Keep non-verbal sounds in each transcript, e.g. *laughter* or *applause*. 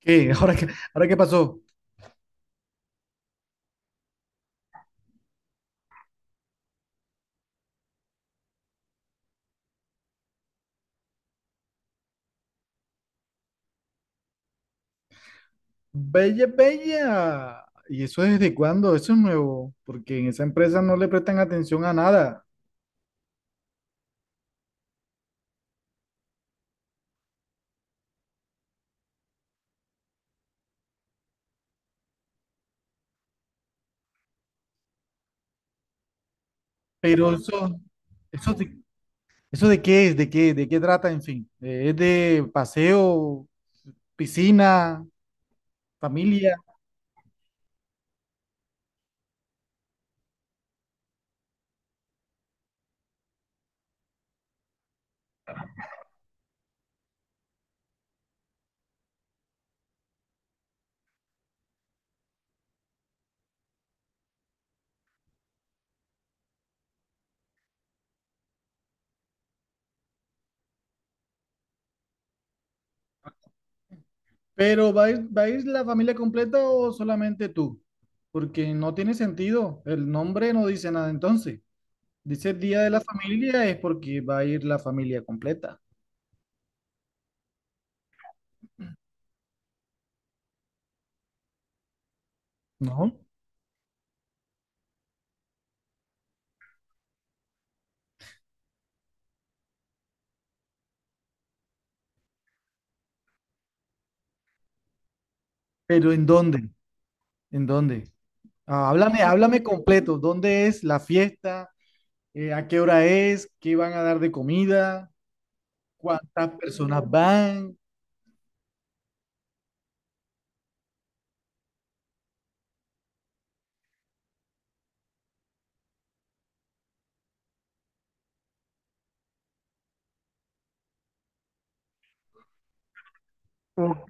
¿Qué? *laughs* ¿Ahora qué pasó? Bella, bella. ¿Y eso desde cuándo? Eso es nuevo, porque en esa empresa no le prestan atención a nada. Pero eso, eso de, Eso de qué es, de qué trata, en fin. Es de paseo, piscina, familia. Pero ¿va a ir la familia completa o solamente tú? Porque no tiene sentido. El nombre no dice nada entonces. Dice día de la familia es porque va a ir la familia completa, ¿no? Pero ¿en dónde? ¿En dónde? Ah, háblame completo. ¿Dónde es la fiesta? ¿A qué hora es? ¿Qué van a dar de comida? ¿Cuántas personas van? Ok.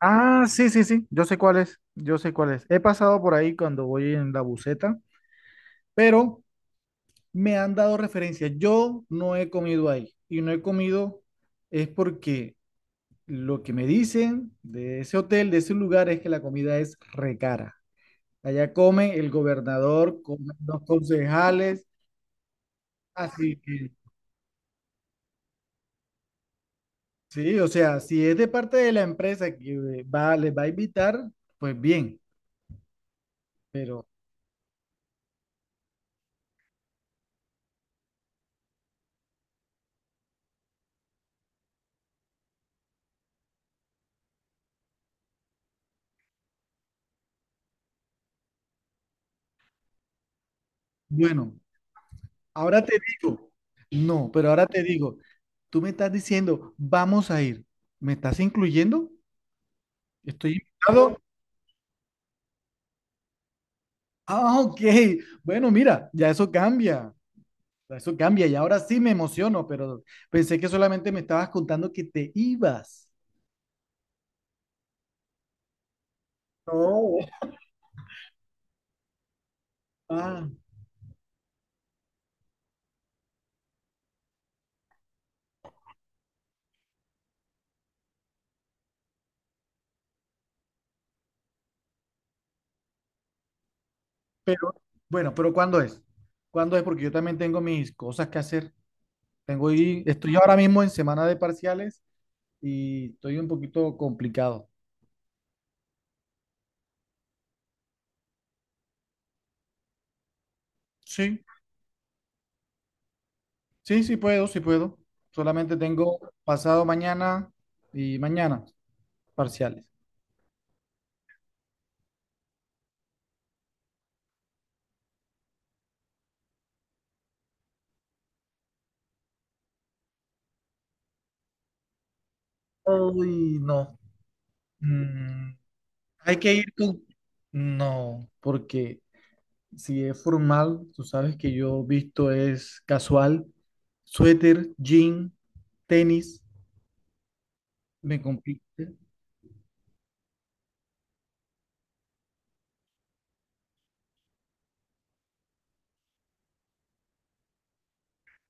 Ah, sí, sí, sí, yo sé cuál es, yo sé cuál es. He pasado por ahí cuando voy en la buseta. Pero me han dado referencias. Yo no he comido ahí y no he comido es porque lo que me dicen de ese hotel, de ese lugar, es que la comida es re cara. Allá come el gobernador, comen los concejales. Así que, sí, sí, o sea, si es de parte de la empresa que va, les va a invitar, pues bien, pero bueno, ahora te digo, no, pero ahora te digo, tú me estás diciendo, vamos a ir, ¿me estás incluyendo? ¿Estoy invitado? Ah, ok, bueno, mira, ya eso cambia y ahora sí me emociono, pero pensé que solamente me estabas contando que te ibas. No. Ah. Pero, bueno, pero ¿cuándo es? ¿Cuándo es? Porque yo también tengo mis cosas que hacer. Tengo y estoy ahora mismo en semana de parciales y estoy un poquito complicado. Sí, sí, sí puedo, sí puedo. Solamente tengo pasado mañana y mañana parciales. Uy, no. Mm, Hay que ir con... No, porque si es formal, tú sabes que yo visto es casual, suéter, jean, tenis, me complica.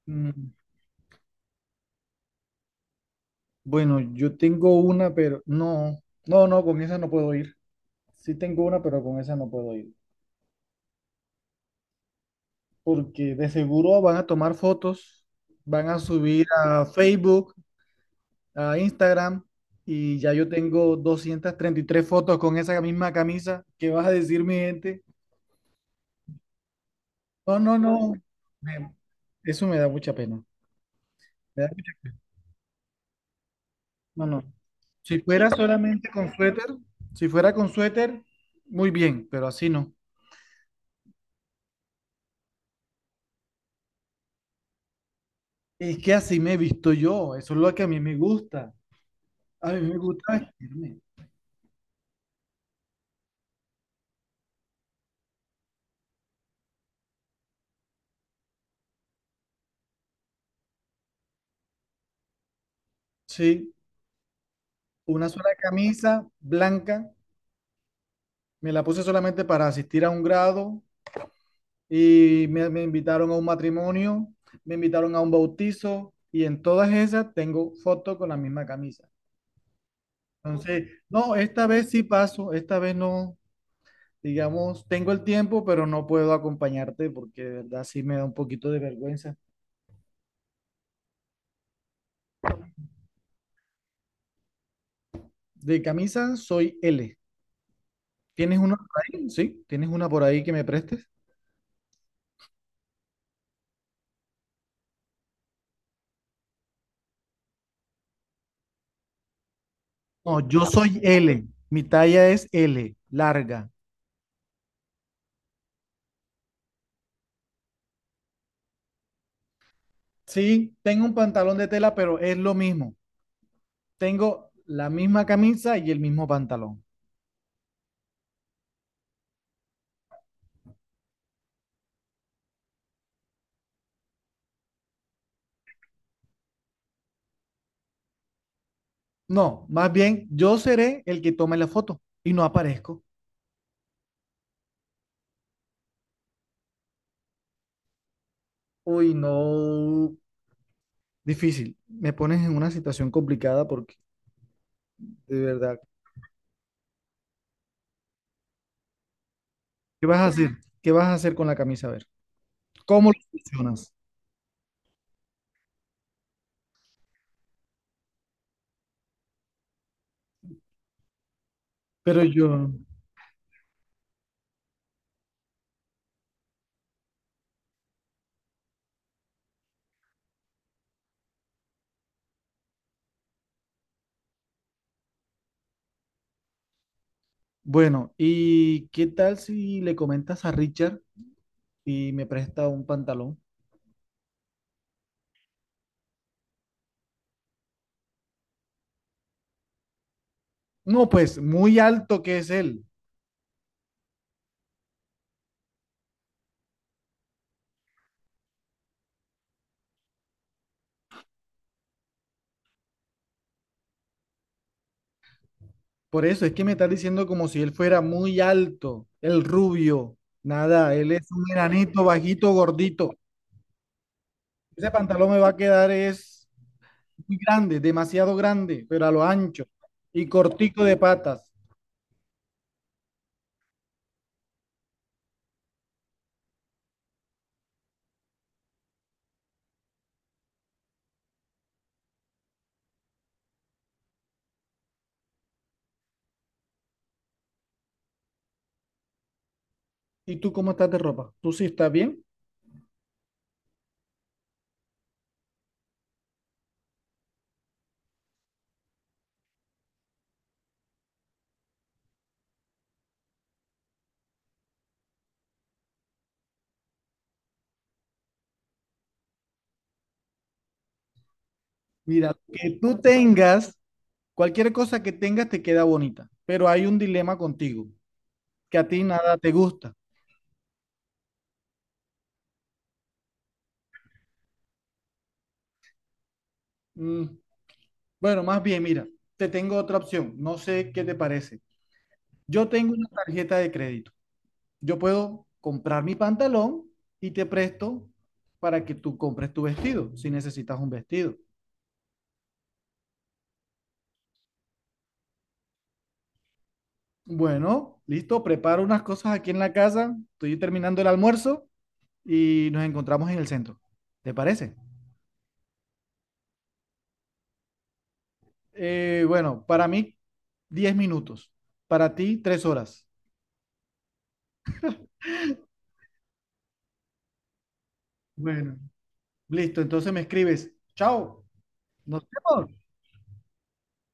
Mm, Bueno, yo tengo una, pero no, no, no, con esa no puedo ir. Sí tengo una, pero con esa no puedo ir. Porque de seguro van a tomar fotos, van a subir a Facebook, a Instagram, y ya yo tengo 233 fotos con esa misma camisa. ¿Qué vas a decir, mi gente? No, no, no. me- Eso me da mucha pena. me da mucha- No, no. Si fuera solamente con suéter, si fuera con suéter, muy bien, pero así no. Es que así me he visto yo, eso es lo que a mí me gusta. A mí me gusta vestirme. Sí, una sola camisa blanca, me la puse solamente para asistir a un grado y me invitaron a un matrimonio, me invitaron a un bautizo y en todas esas tengo fotos con la misma camisa. Entonces, no, esta vez sí paso, esta vez no, digamos, tengo el tiempo, pero no puedo acompañarte porque de verdad sí me da un poquito de vergüenza. De camisa soy L. ¿Tienes una por ahí? ¿Sí? ¿Tienes una por ahí que me prestes? No, yo soy L. Mi talla es L, larga. Sí, tengo un pantalón de tela, pero es lo mismo. Tengo la misma camisa y el mismo pantalón. No, más bien yo seré el que tome la foto y no aparezco. Uy, no. Difícil. Me pones en una situación complicada porque, de verdad, ¿qué vas a hacer? ¿Qué vas a hacer con la camisa? A ver, ¿cómo lo solucionas? Pero yo, Bueno, ¿y qué tal si le comentas a Richard y me presta un pantalón? No, pues muy alto que es él. Por eso es que me estás diciendo como si él fuera muy alto, el rubio. Nada, él es un enanito, bajito, gordito. Ese pantalón me va a quedar es muy grande, demasiado grande, pero a lo ancho y cortico de patas. ¿Y tú cómo estás de ropa? ¿Tú sí estás bien? Mira, que tú tengas, Cualquier cosa que tengas te queda bonita, pero hay un dilema contigo. Que a ti nada te gusta. Mm, bueno, más bien, mira, te tengo otra opción. No sé qué te parece. Yo tengo una tarjeta de crédito. Yo puedo comprar mi pantalón y te presto para que tú compres tu vestido, si necesitas un vestido. Bueno, listo, preparo unas cosas aquí en la casa. Estoy terminando el almuerzo y nos encontramos en el centro. ¿Te parece? Bueno, para mí, 10 minutos. Para ti, 3 horas. Bueno, listo. Entonces me escribes. Chao. Nos vemos.